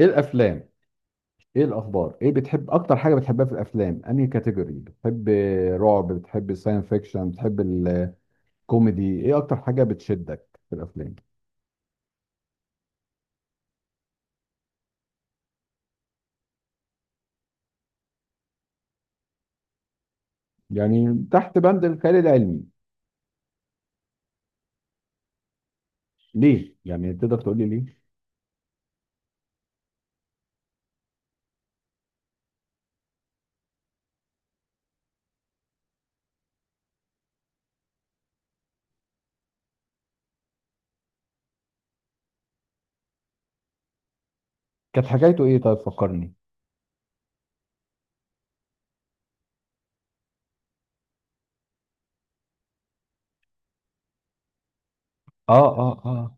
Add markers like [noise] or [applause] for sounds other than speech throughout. ايه الافلام؟ ايه الاخبار؟ ايه بتحب اكتر حاجه بتحبها في الافلام؟ انهي كاتيجوري بتحب؟ رعب؟ بتحب ساين فيكشن؟ بتحب الكوميدي؟ ايه اكتر حاجه بتشدك في الافلام؟ يعني تحت بند الخيال العلمي. ليه؟ يعني تقدر تقول لي ليه؟ كانت حكايته ايه؟ طيب فكرني. اه.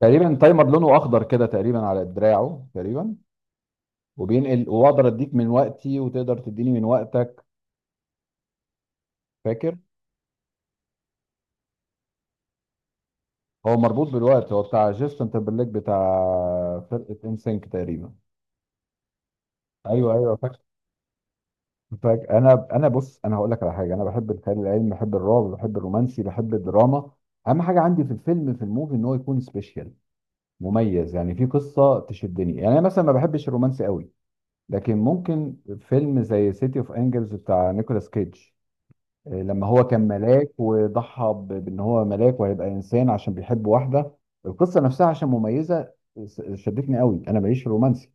تقريبا تايمر لونه اخضر كده تقريبا على دراعه تقريبا، وبينقل. واقدر اديك من وقتي وتقدر تديني من وقتك. فاكر؟ هو مربوط بالوقت، هو بتاع جيسون تمبرليك بتاع فرقه انسينك تقريبا. ايوه ايوه، فاكر. فاكر، انا بص، انا هقول لك على حاجه. انا بحب الخيال العلمي، بحب الرعب، بحب الرومانسي، بحب الدراما. اهم حاجه عندي في الفيلم، في الموفي، ان هو يكون سبيشال، مميز، يعني في قصه تشدني. يعني انا مثلا ما بحبش الرومانسي قوي، لكن ممكن فيلم زي سيتي اوف انجلز بتاع نيكولاس كيدج، لما هو كان ملاك وضحى بان هو ملاك وهيبقى انسان عشان بيحب واحده. القصه نفسها عشان مميزه شدتني قوي. انا ماليش رومانسي،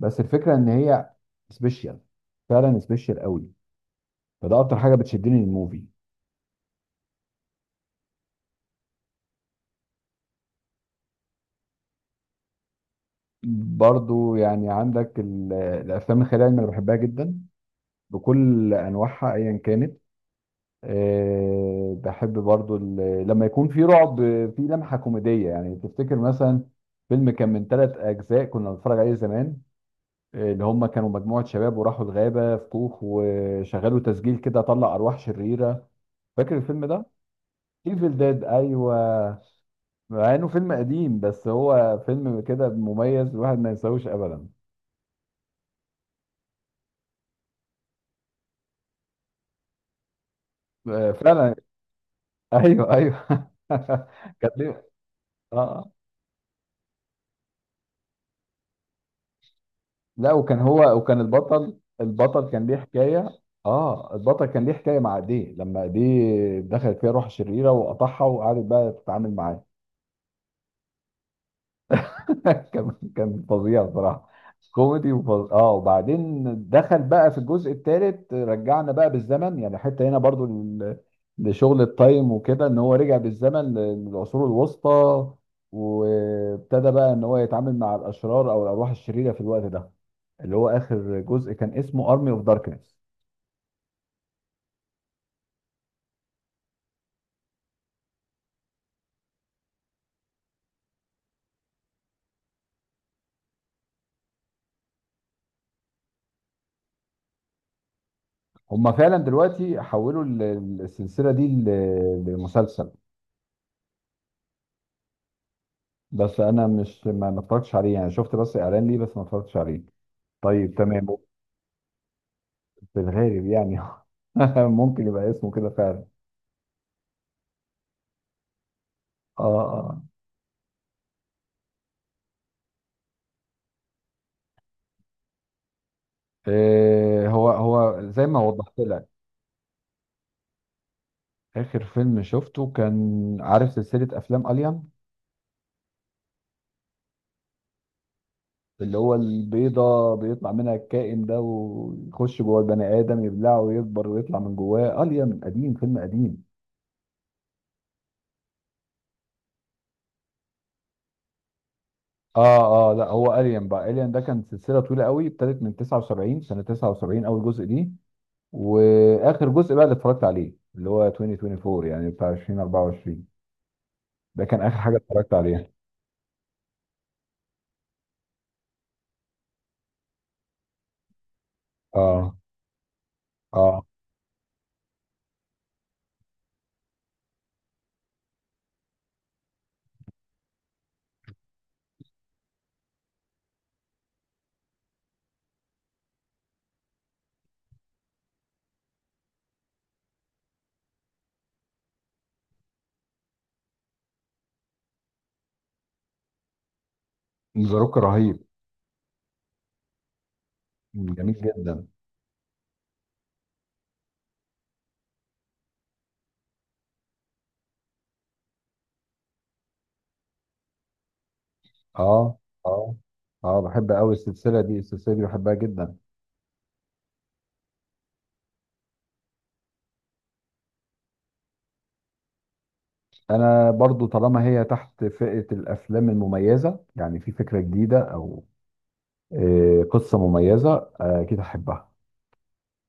بس الفكره ان هي سبيشال، فعلا سبيشال قوي. فده اكتر حاجه بتشدني للموفي. برضو يعني عندك الافلام الخيال العلمي انا بحبها جدا بكل انواعها ايا كانت. أه، بحب برضو لما يكون في رعب في لمحه كوميديه. يعني تفتكر مثلا فيلم كان من ثلاث اجزاء كنا بنتفرج عليه زمان، اللي هم كانوا مجموعه شباب وراحوا الغابه في كوخ وشغلوا تسجيل كده طلع ارواح شريره؟ فاكر الفيلم ده؟ ايفل ديد، ايوه. مع انه فيلم قديم بس هو فيلم كده مميز، الواحد ما ينساهوش ابدا. فعلا. ايوه ايوه. [laughs] كانت ليه. اه لا، وكان هو، وكان البطل، كان ليه حكايه. اه، البطل كان ليه حكايه مع ايديه، لما ايديه دخلت فيها روح شريره وقطعها وقعدت بقى تتعامل معاه. [laughs] كان فظيع بصراحه. كوميدي وفظ... اه، وبعدين دخل بقى في الجزء الثالث، رجعنا بقى بالزمن، يعني حتى هنا برضو لشغل التايم وكده، ان هو رجع بالزمن للعصور الوسطى، وابتدى بقى ان هو يتعامل مع الاشرار او الارواح الشريره في الوقت ده. اللي هو اخر جزء كان اسمه ارمي اوف داركنس. هما فعلا دلوقتي حولوا السلسله دي لمسلسل، بس انا مش، ما اتفرجتش عليه، يعني شفت بس اعلان ليه بس ما اتفرجتش عليه. طيب، تمام. في الغالب يعني [laughs] ممكن يبقى اسمه كده فعلا. اه اه. إيه هو، زي ما وضحت لك. اخر فيلم شفته كان، عارف سلسلة افلام اليان، اللي هو البيضة بيطلع منها الكائن ده ويخش جوه البني ادم يبلعه ويكبر ويطلع من جواه اليان؟ قديم، فيلم قديم. اه اه، لا هو اليان بقى، اليان ده كان سلسلة طويلة قوي، ابتدت من 79، سنة 79 اول جزء دي، واخر جزء بقى اللي اتفرجت عليه اللي هو 2024، يعني بتاع 2024. ده كان اخر حاجه اتفرجت عليها. اه اه. ذا روك رهيب. جميل جدا. اه اه اه، بحب قوي السلسله دي، السلسله دي بحبها جدا. انا برضو طالما هي تحت فئه الافلام المميزه، يعني في فكره جديده او قصه مميزه، اكيد هحبها.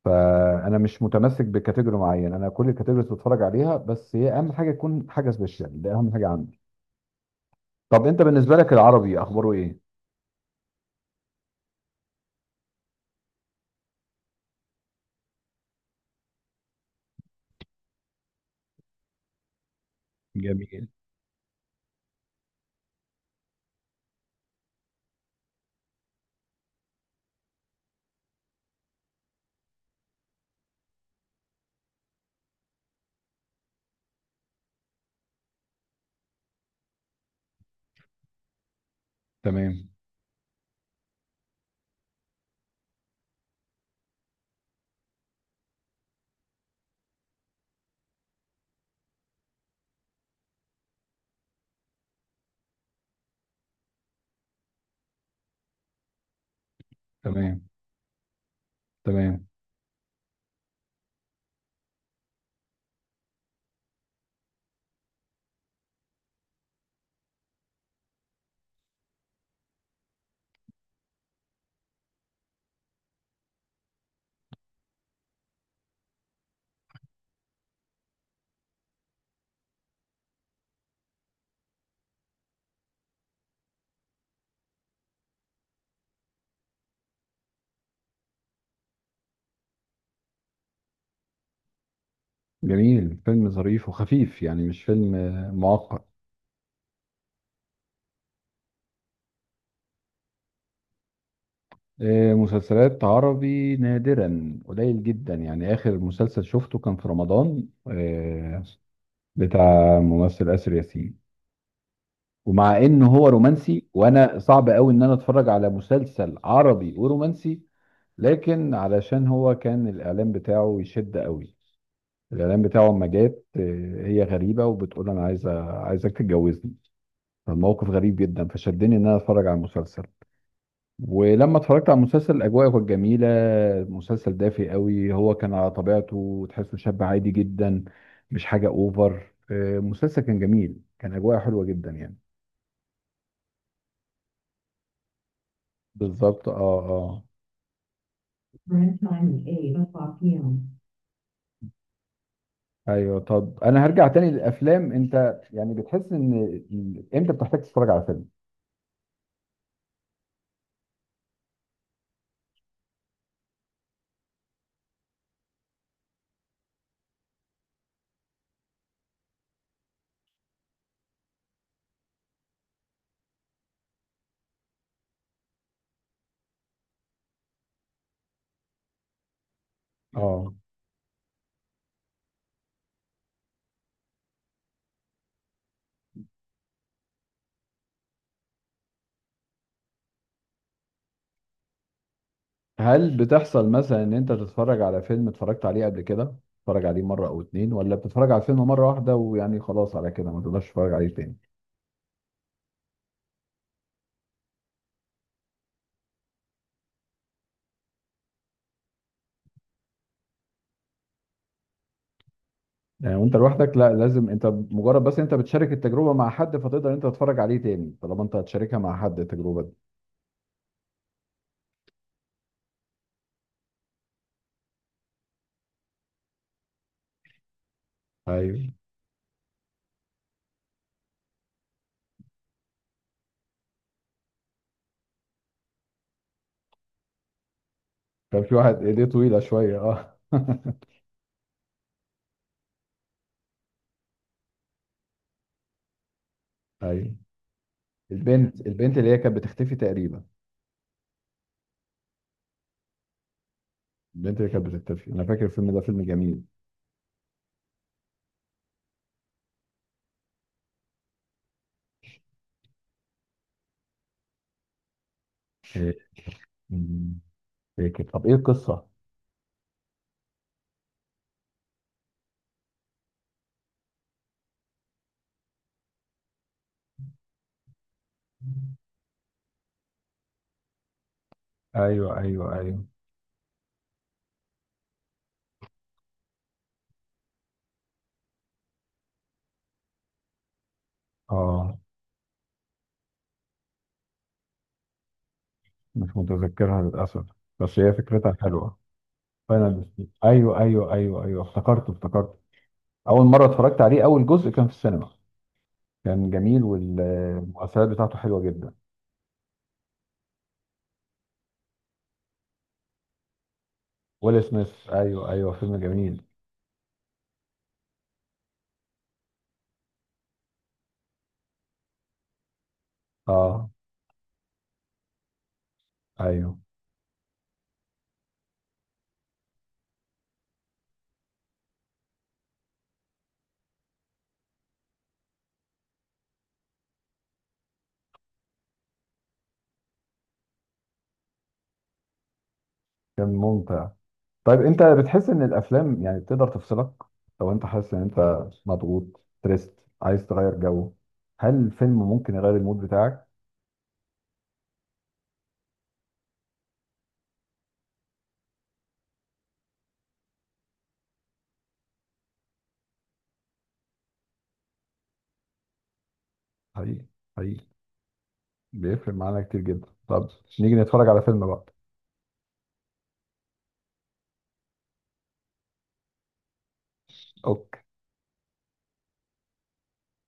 فانا مش متمسك بكاتيجوري معين، انا كل الكاتيجوريز بتفرج عليها، بس هي اهم حاجه تكون حاجه سبيشال، ده اهم حاجه عندي. طب انت بالنسبه لك العربي اخباره ايه؟ جميل. تمام. تمام. تمام. جميل، فيلم ظريف وخفيف، يعني مش فيلم معقد. مسلسلات عربي نادرا، قليل جدا. يعني آخر مسلسل شفته كان في رمضان، بتاع ممثل آسر ياسين. ومع إن هو رومانسي، وأنا صعب قوي إن أنا أتفرج على مسلسل عربي ورومانسي، لكن علشان هو كان الإعلان بتاعه يشد قوي. الاعلان بتاعه اما جت هي غريبه وبتقول انا عايزه، عايزك تتجوزني. فالموقف غريب جدا، فشدني ان انا اتفرج على المسلسل. ولما اتفرجت على المسلسل، الاجواء كانت جميله. مسلسل دافي قوي، هو كان على طبيعته، تحسه شاب عادي جدا، مش حاجه اوفر. المسلسل كان جميل، كان اجواء حلوه جدا يعني. بالظبط، اه اه. Prime time 8 o'clock p.m. ايوه. طب انا هرجع تاني للافلام. انت يعني بتحس ان امتى بتحتاج تتفرج على فيلم؟ اه. هل بتحصل مثلا ان انت تتفرج على فيلم اتفرجت عليه قبل كده، تتفرج عليه مرة او اتنين، ولا بتتفرج على الفيلم مرة واحدة ويعني خلاص على كده ما تقدرش تتفرج عليه تاني؟ يعني وانت لوحدك لا، لازم، انت مجرد، بس انت بتشارك التجربة مع حد فتقدر انت تتفرج عليه تاني طالما انت هتشاركها مع حد التجربة دي. ايوه، كان في واحد ايديه طويلة شوية، اه. [laughs] ايوه. البنت، اللي هي كانت بتختفي تقريبا. البنت اللي كانت بتختفي، انا فاكر الفيلم ده، فيلم جميل. إيه، مم، فاكر. طب ايه القصة؟ ايوه ايوه ايوه. اه، مش متذكرها للأسف، بس هي فكرتها حلوة. فاينل ديستنيشن، أيوه أيوه أيوه أيوه، افتكرته افتكرته. أول مرة اتفرجت عليه، أول جزء، كان في السينما. كان جميل، والمؤثرات بتاعته حلوة جدا. ويل سميث، أيوه أيوه، فيلم جميل. أه. أيوه. كان ممتع. طيب أنت بتحس إن الأفلام يعني بتقدر تفصلك؟ لو أنت حاسس إن أنت مضغوط، تريست، عايز تغير جو، هل الفيلم ممكن يغير المود بتاعك؟ حقيقي. حقيقي. بيفرق معانا كتير جدا. طب نيجي نتفرج على فيلم بقى. أوكي.